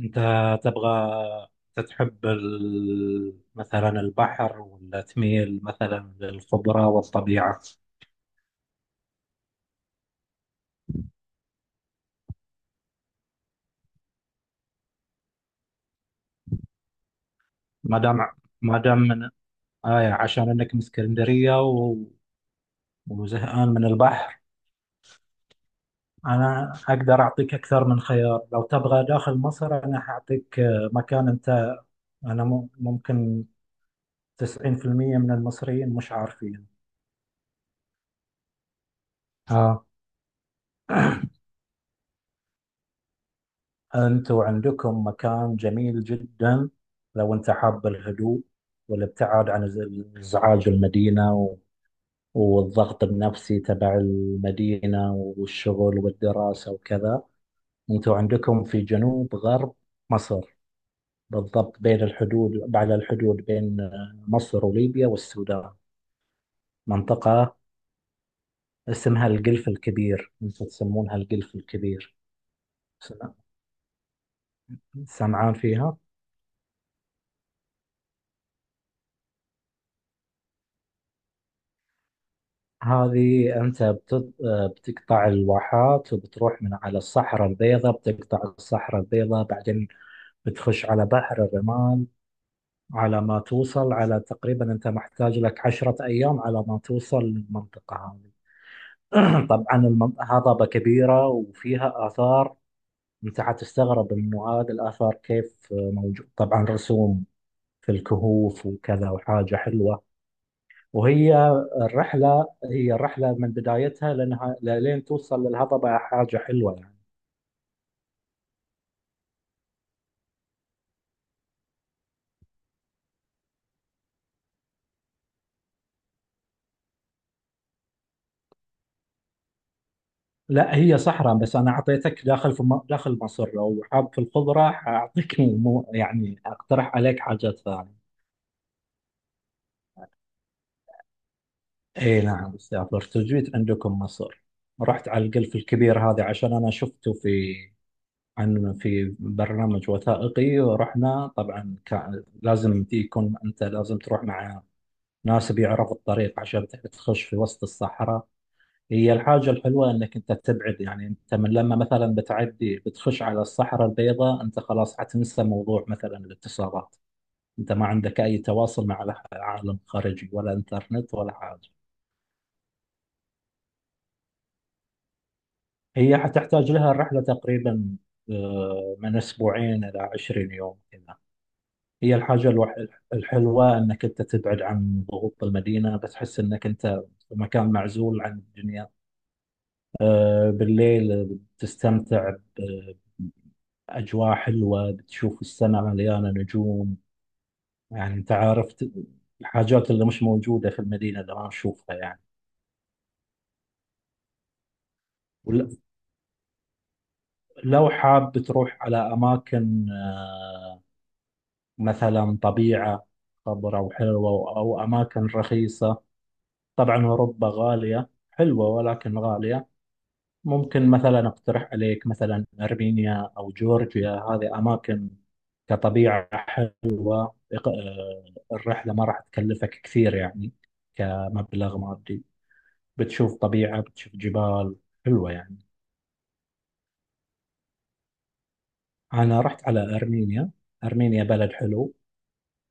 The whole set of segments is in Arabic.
أنت تبغى تتحب مثلا البحر ولا تميل مثلا للخضرة والطبيعة. ما دام ما دام من آية عشان إنك من اسكندرية وزهقان من البحر، أنا أقدر أعطيك أكثر من خيار. لو تبغى داخل مصر أنا حأعطيك مكان أنت، ممكن 90% من المصريين مش عارفين آه. أنتوا عندكم مكان جميل جدا. لو أنت حاب الهدوء والابتعاد عن إزعاج المدينة والضغط النفسي تبع المدينة والشغل والدراسة وكذا، أنتوا عندكم في جنوب غرب مصر بالضبط بين الحدود، على الحدود بين مصر وليبيا والسودان منطقة اسمها القلف الكبير، أنتوا تسمونها القلف الكبير. سمع- سمعان فيها؟ هذه أنت بتقطع الواحات وبتروح من على الصحراء البيضاء، بتقطع الصحراء البيضاء بعدين بتخش على بحر الرمال على ما توصل، على تقريبا أنت محتاج لك عشرة أيام على ما توصل للمنطقة هذه. طبعا هضبة كبيرة وفيها آثار. أنت حتستغرب إنه هذه الآثار كيف موجود. طبعا رسوم في الكهوف وكذا، وحاجة حلوة. وهي الرحلة من بدايتها لأنها لين توصل للهضبة حاجة حلوة يعني. لا، هي صحراء بس. أنا أعطيتك داخل داخل مصر. لو حاب في الخضرة أعطيك مو يعني أقترح عليك حاجات ثانية. إي نعم، سافرت وجيت عندكم مصر، رحت على القلف الكبير هذا عشان أنا شفته عن في برنامج وثائقي. ورحنا طبعا كان لازم يكون، أنت لازم تروح مع ناس بيعرفوا الطريق عشان تخش في وسط الصحراء. هي الحاجة الحلوة انك انت تبعد، يعني انت من لما مثلا بتعدي بتخش على الصحراء البيضاء انت خلاص حتنسى موضوع مثلا الاتصالات، انت ما عندك اي تواصل مع العالم الخارجي ولا انترنت ولا حاجة. هي حتحتاج لها الرحلة تقريبا من اسبوعين الى 20 يوم كذا. هي الحاجة الحلوة انك انت تبعد عن ضغوط المدينة، بتحس انك انت في مكان معزول عن الدنيا. بالليل تستمتع، أجواء حلوة، بتشوف السماء مليانة نجوم. يعني أنت عارف، الحاجات اللي مش موجودة في المدينة اللي ما نشوفها يعني. ولو حاب تروح على أماكن مثلا طبيعة خضراء وحلوة أو أماكن رخيصة، طبعا أوروبا غالية، حلوة ولكن غالية. ممكن مثلا أقترح عليك مثلا أرمينيا أو جورجيا، هذه أماكن كطبيعة. إق- الرحلة ما راح تكلفك كثير يعني كمبلغ مادي، بتشوف طبيعة، بتشوف جبال حلوة يعني. أنا رحت على أرمينيا. أرمينيا بلد حلو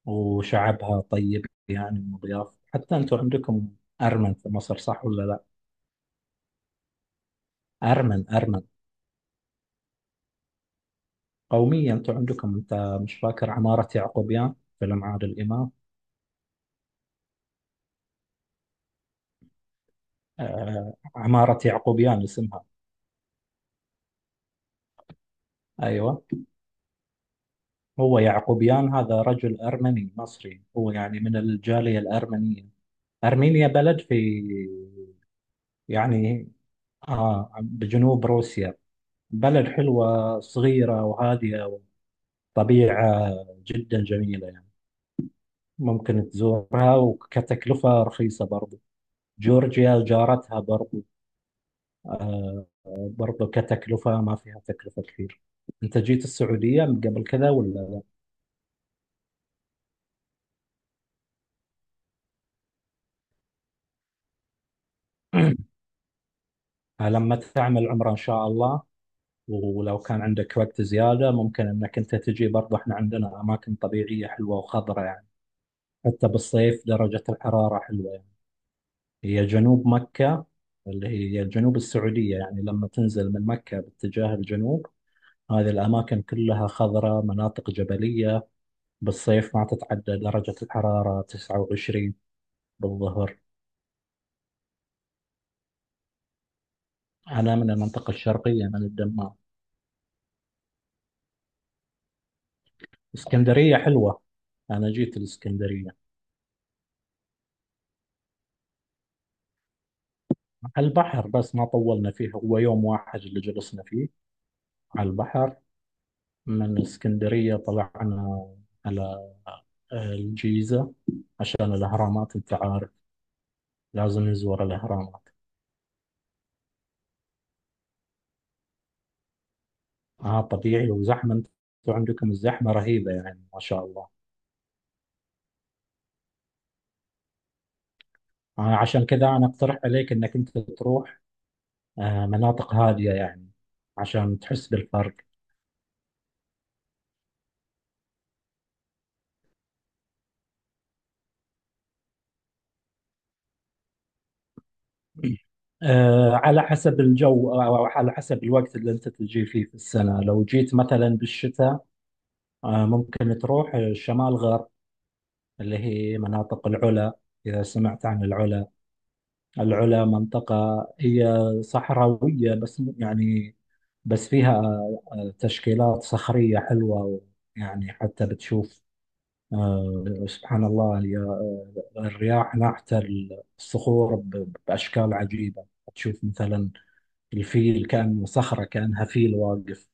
وشعبها طيب يعني، ومضياف. حتى أنتم عندكم أرمن في مصر، صح ولا لا؟ أرمن، أرمن، قومية أنتم عندكم. أنت مش فاكر عمارة يعقوبيان، فيلم عادل إمام؟ آه، عمارة يعقوبيان اسمها. أيوة، هو يعقوبيان هذا رجل أرمني مصري، هو يعني من الجالية الأرمنية. أرمينيا بلد في يعني آه بجنوب روسيا، بلد حلوة صغيرة وهادية، وطبيعة جدا جميلة يعني. ممكن تزورها، وكتكلفة رخيصة برضو. جورجيا جارتها برضو، آه، برضو كتكلفة، ما فيها تكلفة كثير. أنت جيت السعودية من قبل كذا ولا؟ لما تعمل عمرة إن شاء الله، ولو كان عندك وقت زيادة ممكن أنك أنت تجي برضو. إحنا عندنا أماكن طبيعية حلوة وخضرة يعني، حتى بالصيف درجة الحرارة حلوة يعني. هي جنوب مكة، اللي هي جنوب السعودية، يعني لما تنزل من مكة باتجاه الجنوب هذه الأماكن كلها خضراء، مناطق جبلية. بالصيف ما تتعدى درجة الحرارة 29 بالظهر. أنا من المنطقة الشرقية، من الدمام. اسكندرية حلوة، أنا جيت الإسكندرية، على البحر، بس ما طولنا فيه، هو يوم واحد اللي جلسنا فيه على البحر. من اسكندرية طلعنا على الجيزة عشان الأهرامات، أنت عارف لازم نزور الأهرامات. آه طبيعي، وزحمة، أنتوا عندكم الزحمة رهيبة يعني ما شاء الله. آه عشان كذا أنا أقترح عليك إنك أنت تروح آه مناطق هادية يعني عشان تحس بالفرق. على حسب الجو، أو على حسب الوقت اللي أنت تجي فيه في السنة. لو جيت مثلا بالشتاء، ممكن تروح شمال غرب، اللي هي مناطق العلا. إذا سمعت عن العلا، العلا منطقة هي صحراوية بس يعني بس فيها تشكيلات صخرية حلوة يعني. حتى بتشوف سبحان الله، هي الرياح ناحت الصخور بأشكال عجيبة. تشوف مثلا الفيل، كأنه صخرة كأنها فيل واقف.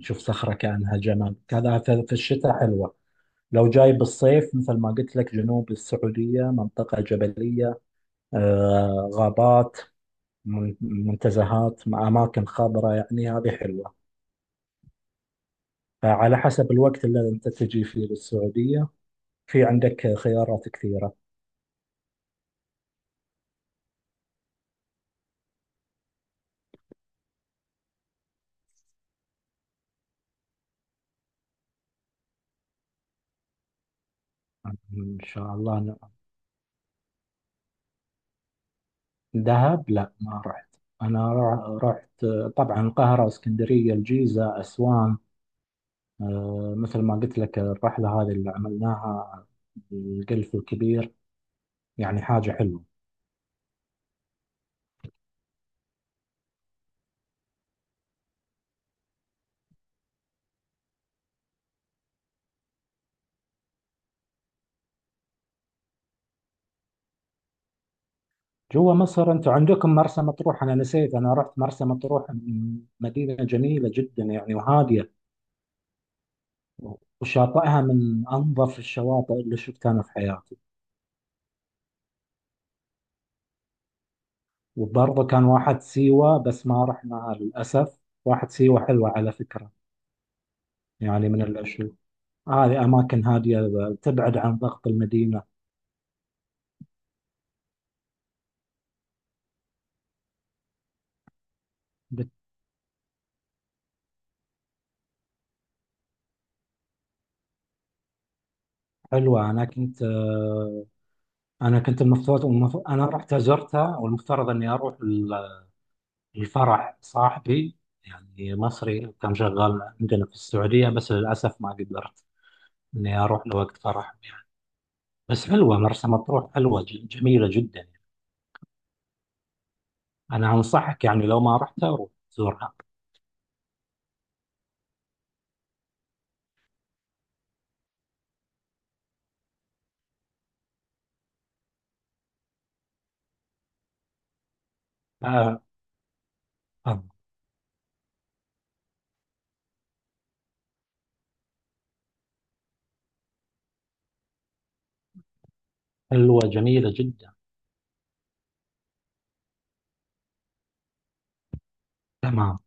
تشوف صخرة كأنها جمل، كذا في الشتاء حلوة. لو جاي بالصيف مثل ما قلت لك، جنوب السعودية منطقة جبلية، غابات، منتزهات مع أماكن خضراء يعني، هذه حلوة. فعلى حسب الوقت اللي أنت تجي فيه للسعودية في عندك خيارات كثيرة. إن شاء الله دهب لا ما رحت. رحت طبعا القاهرة، اسكندرية، الجيزة، أسوان. مثل ما قلت لك الرحلة هذه اللي عملناها، القلف الكبير، يعني حاجة حلوة. جوا مصر انتوا عندكم مرسى مطروح، انا نسيت، انا رحت مرسى مطروح، مدينة جميلة جدا يعني وهادية، وشاطئها من أنظف الشواطئ اللي شفتها في حياتي. وبرضه كان واحد سيوة بس ما رحناها للأسف. واحد سيوة حلوة على فكرة، يعني من الأشياء، هذه أماكن هادية تبعد عن ضغط المدينة. بت- حلوة. أنا كنت أنا كنت المفروض، أنا رحت زرتها والمفترض إني أروح الفرح صاحبي، يعني مصري كان شغال عندنا في السعودية، بس للأسف ما قدرت إني أروح لوقت فرح. بس حلوة مرسى مطروح، حلوة جميلة جدا. أنا أنصحك يعني لو ما رحت أروح تزورها. آه، آه، حلوة جميلة جدا. تمام.